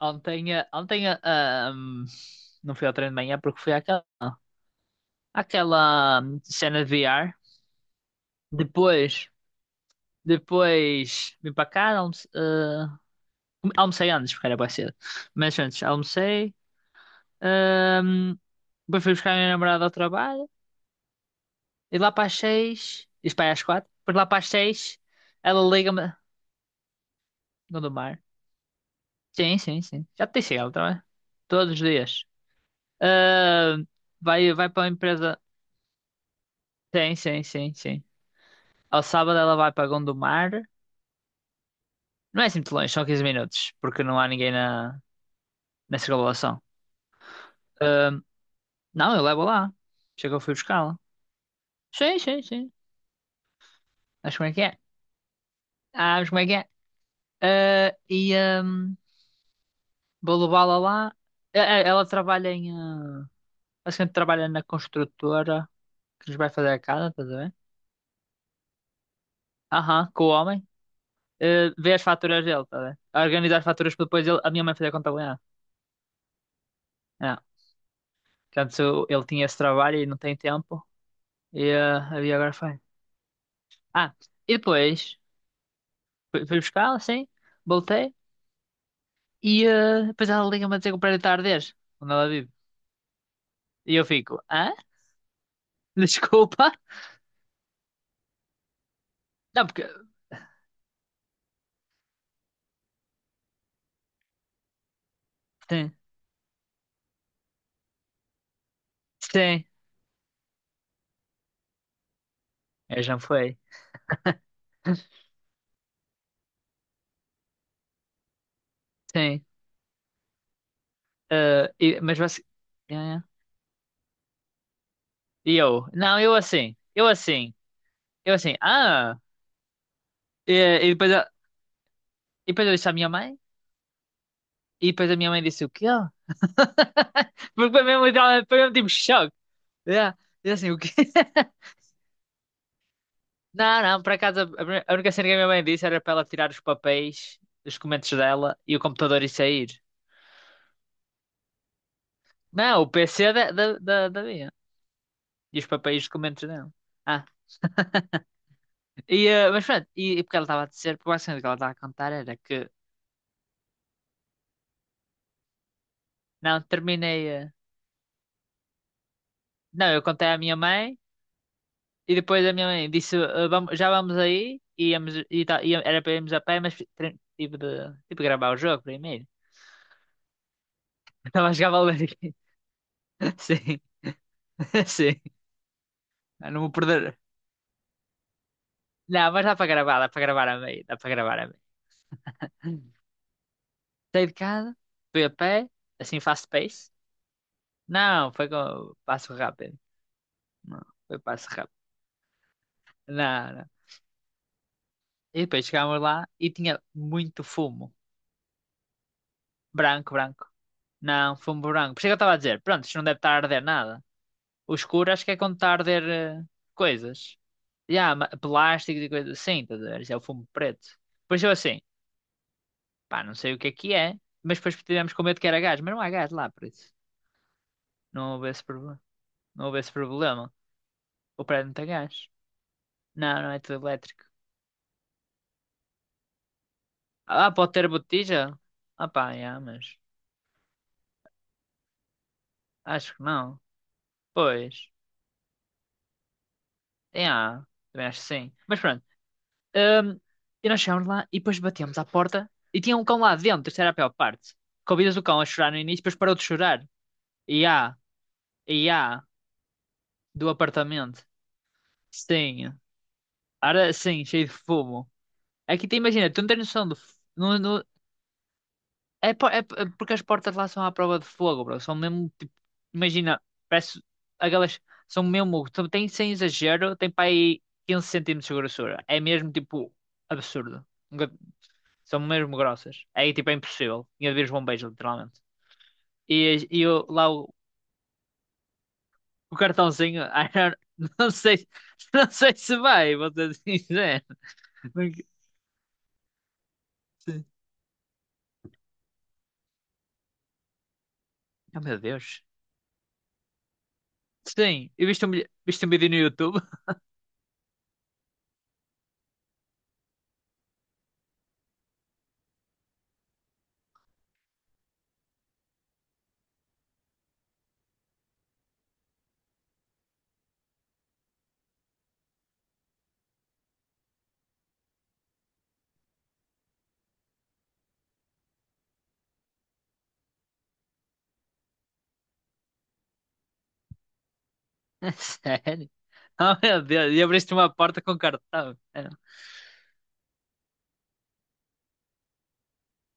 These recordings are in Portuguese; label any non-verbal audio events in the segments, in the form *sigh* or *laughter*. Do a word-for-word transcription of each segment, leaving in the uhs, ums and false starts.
Ontem, eh, ontem eh, ah, hum, não fui ao treino de manhã porque fui àquela, àquela hum, cena de V R. Depois, depois vim para cá, almoce- ah, almocei antes, porque era bem cedo. Mas antes, almocei. hum, Depois fui buscar a minha namorada ao trabalho. E lá para as seis, isto para aí às quatro, depois lá para as seis, ela liga-me no do mar. Sim, sim, sim. Já te disse ela também. Todos os dias. Ah, vai, vai para a empresa. Sim, sim, sim, sim. Ao sábado ela vai para Gondomar. Não é assim muito longe, são quinze minutos, porque não há ninguém na, na circunvalação. Ahm, não, eu levo lá. Chega, eu fui buscá-la. Sim, sim, sim. Sabes como é que é? Ah, sabes como é que é? Ah, e ahm, Vou levá-la lá. Eh, eh, Ela trabalha em. ah, basicamente trabalha na construtora que nos vai fazer a casa, estás a ver? Aham, com o homem. Eh, vê as faturas dele, estás a ver? A organizar as faturas para depois ele- a minha mãe fazer a contabilidade. É. Portanto, ele tinha esse trabalho e não tem tempo. E ah, e agora foi. Ah, e depois fui, fui buscá-la, assim, voltei, e ah, depois ela liga-me a dizer que o prédio está a arder, onde ela vive. E eu fico, hã? *laughs* Desculpa? Não, porque. Sim, sim, eu já foi, sim. Ah, e- mas você. É, é. E eu, não, eu assim, eu assim, eu assim, ah! E, e depois, eu- e depois eu disse à minha mãe, e depois a minha mãe disse o quê? *laughs* Porque foi mesmo, Foi mesmo tipo choque. É. E assim, o quê? *laughs* Não, não, por acaso a a a única cena que a minha mãe disse era para ela tirar os papéis dos documentos dela e o computador e sair. Não, o P C da, da, da, da minha. E os papéis e os documentos dela. Ah, e, eh, mas pronto, e, e porque ela estava a dizer, porque basicamente o que ela estava a contar era que não, terminei. eh, Não, eu contei à minha mãe e depois a minha mãe disse, eh, vamos, já vamos aí, e íamos, e, tal, e era para irmos a pé, mas tre- tive de, tive de gravar o jogo primeiro. *laughs* Estava a jogar Valorant. *laughs* Sim, *laughs* sim. Ah, não vou perder. Não, mas dá para gravar, dá para gravar a meio, dá para gravar a meio. Saí de casa, fui a pé, assim fast pace. Não, foi com passo rápido. Não, foi passo rápido. Não, não. E depois chegámos lá e tinha muito fumo. Branco, branco. Não, fumo branco. Por isso é que eu estava a dizer, pronto, isto não deve estar a arder nada. O escuro acho que é quando está a arder eh, coisas. E há ma- plásticos e coisas assim, estás a ver? Isso é o fumo preto. Depois eu assim, pá, não sei o que é que é, mas depois tivemos com medo que era gás, mas não há gás lá, por isso não houvesse, proble- não houvesse problema. O prédio não tem gás. Não, não é tudo elétrico. Ah, pode ter botija? Ah pá, yeah, mas acho que não. Pois, yeah, também acho que sim. Mas pronto, hum, e nós chegámos lá e depois batemos à porta e tinha um cão lá dentro, isso era a pior parte. Convidas o cão a chorar no início, depois parou de chorar. E há, e há, do apartamento. Sim, era sim, cheio de fumo. É que tu imagina, tu não tens noção do, f- não, não. É, po- é p- porque as portas lá são à prova de fogo, bro. São mesmo, tipo, imagina, parece, aquelas, são mesmo, são- tem sem exagero, tem para aí quinze centímetros de grossura. É mesmo, tipo, absurdo. Nunca- São mesmo grossas. É, tipo, é impossível. Tinha de vir os bombeiros, literalmente. E, e eu, lá o, o cartãozinho, *laughs* I don't- não sei, não sei se vai, vou ser sincero. Porque- Sim. Oh, meu Deus. Sim, eu viste um, vi- viste um vídeo no YouTube. *laughs* Sério? Oh, meu Deus, e abriste uma porta com cartão. É.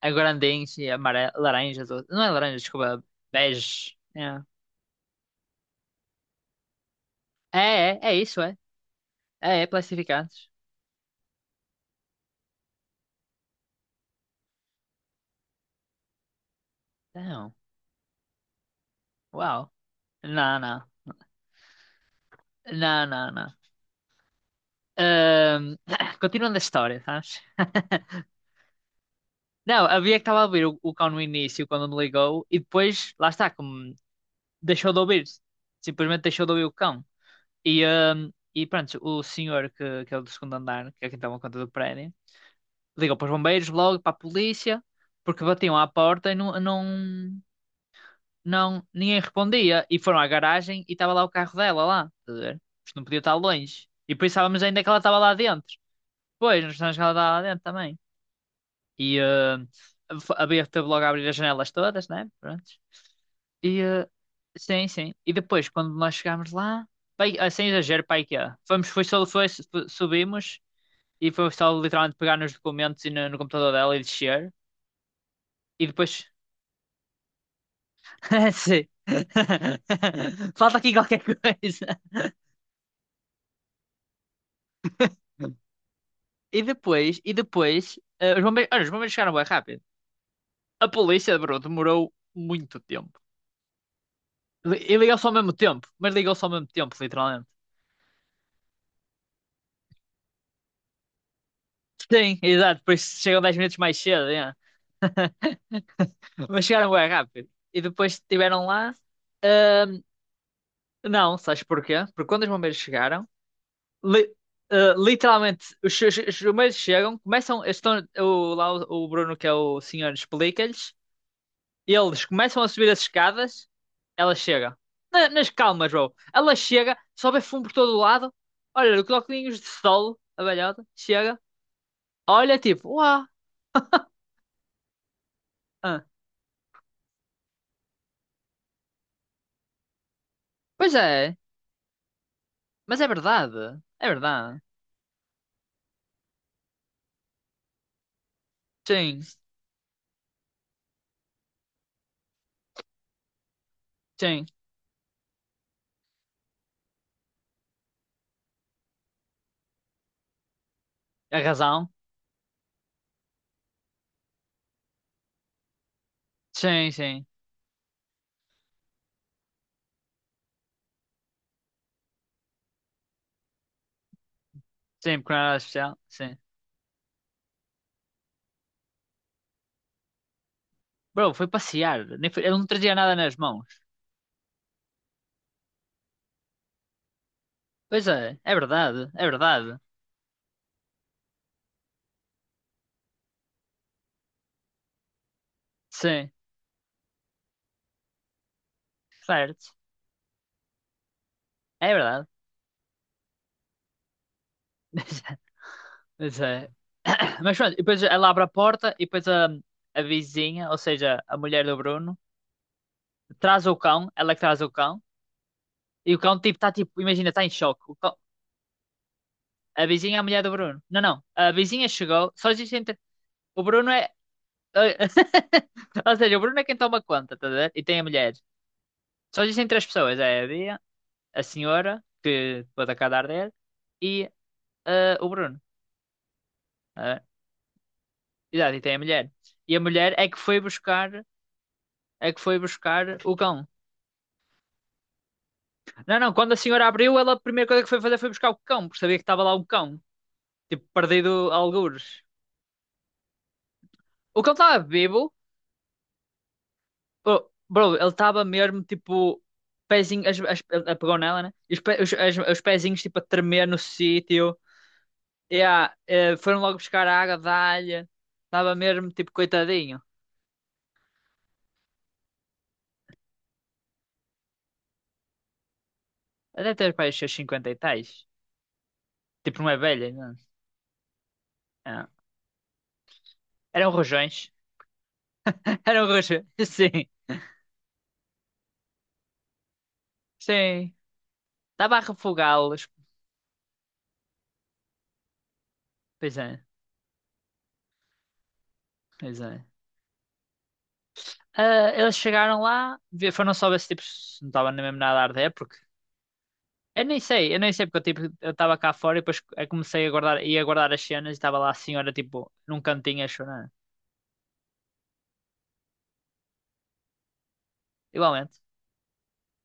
Agora andente, amarelo, laranja, azul. Não é laranja, desculpa, bege. É, é, é, É isso, é. É, é, plastificantes. Não, uau. Não, não, não, não, não. Ahm, *coughs* *clears throat* Continuando a história, sabes? *laughs* Não, havia que estava a ouvir o, o cão no início, quando me ligou, e depois, lá está, como deixou de ouvir. Simplesmente deixou de ouvir o cão. E, ahm, e pronto, o senhor que, que é o do segundo andar, que é quem toma conta do prédio, ligam para os bombeiros, logo para a polícia, porque batiam à porta e não, não, não, ninguém respondia. E foram à garagem e estava lá o carro dela lá, estás a ver? Isto não podia estar longe. E pensávamos ainda que ela estava lá dentro. Pois, nós pensávamos que ela estava lá dentro também. E eh, f- Abrir, teve logo a abrir as janelas todas, né? Pronto. E eh, sim, sim. E depois, quando nós chegámos lá, pai, ah, sem exagero, pai que é. Fomos, foi só, foi, Subimos e foi só literalmente pegar nos documentos e no, no computador dela e descer. E depois. *laughs* Sim. *laughs* Falta aqui qualquer coisa. E depois, e depois, eh, os bombeiros, olha, os bombeiros chegaram bem rápido. A polícia, bro, demorou muito tempo. Li- E ligou-se ao mesmo tempo, mas ligou-se ao mesmo tempo, literalmente. Sim, exato, depois chegam dez minutos mais cedo, yeah. *laughs* Mas chegaram bem rápido. E depois estiveram lá. ahm, não, sabes porquê? Porque quando os bombeiros chegaram, li- eh, literalmente, os, che- os chumeiros chegam, começam, eles estão, o, lá o, o Bruno, que é o senhor, explica-lhes, eles começam a subir as escadas, ela chega. Na- nas calmas, bro. Ela chega, sobe fumo por todo o lado, olha, os óculos de sol, a velhota, chega, olha, tipo, uau, ah, pois é, mas é verdade, é verdade. Sim, sim, é razão, sim, sim, sim, porque não era especial, sim. Bro, foi passear, nem foi, eu não trazia nada nas mãos. Pois é, é verdade, é verdade. Sim, certo. É verdade. *laughs* Mas é. Mas pronto, e depois ela abre a porta e depois a, a vizinha, ou seja, a mulher do Bruno, traz o cão, ela é que traz o cão, e o cão tipo está tipo, imagina, está em choque. O cão- a vizinha é a mulher do Bruno. Não, não. A vizinha chegou, só existe entre. O Bruno é. *laughs* Ou seja, o Bruno é quem toma conta, tá a ver? E tem a mulher. Só existem três pessoas, é a Bia, a senhora, que pode acabar dele, e eh, o Bruno. eh, Exato, e tem a mulher. E a mulher é que foi buscar, é que foi buscar o cão. Não, não, quando a senhora abriu, ela a primeira coisa que foi fazer foi buscar o cão, porque sabia que estava lá um cão, tipo, perdido a algures. O cão estava vivo, bro, bro, ele estava mesmo tipo, pezinho, as, as, ele pegou nela, né? E os, pe- os, as- os pezinhos tipo a tremer no sítio. E ah, eh, foram logo buscar a água da alha. Estava mesmo tipo, coitadinho. Até ter para os seus cinquenta e tais. Tipo, não é velha, não. Ah. Eram rojões. Era um roxo. *laughs* Sim, sim. Estava a refogá-los. Pois é, pois é. Ah, eles chegaram lá, vi- foram só ver se tipo, se não estava nem mesmo nada a arder, porque eu nem sei, eu nem sei porque eu tipo, eu estava cá fora e depois eu comecei a guardar, ia guardar as cenas e estava lá a senhora tipo num cantinho a chorar. Igualmente.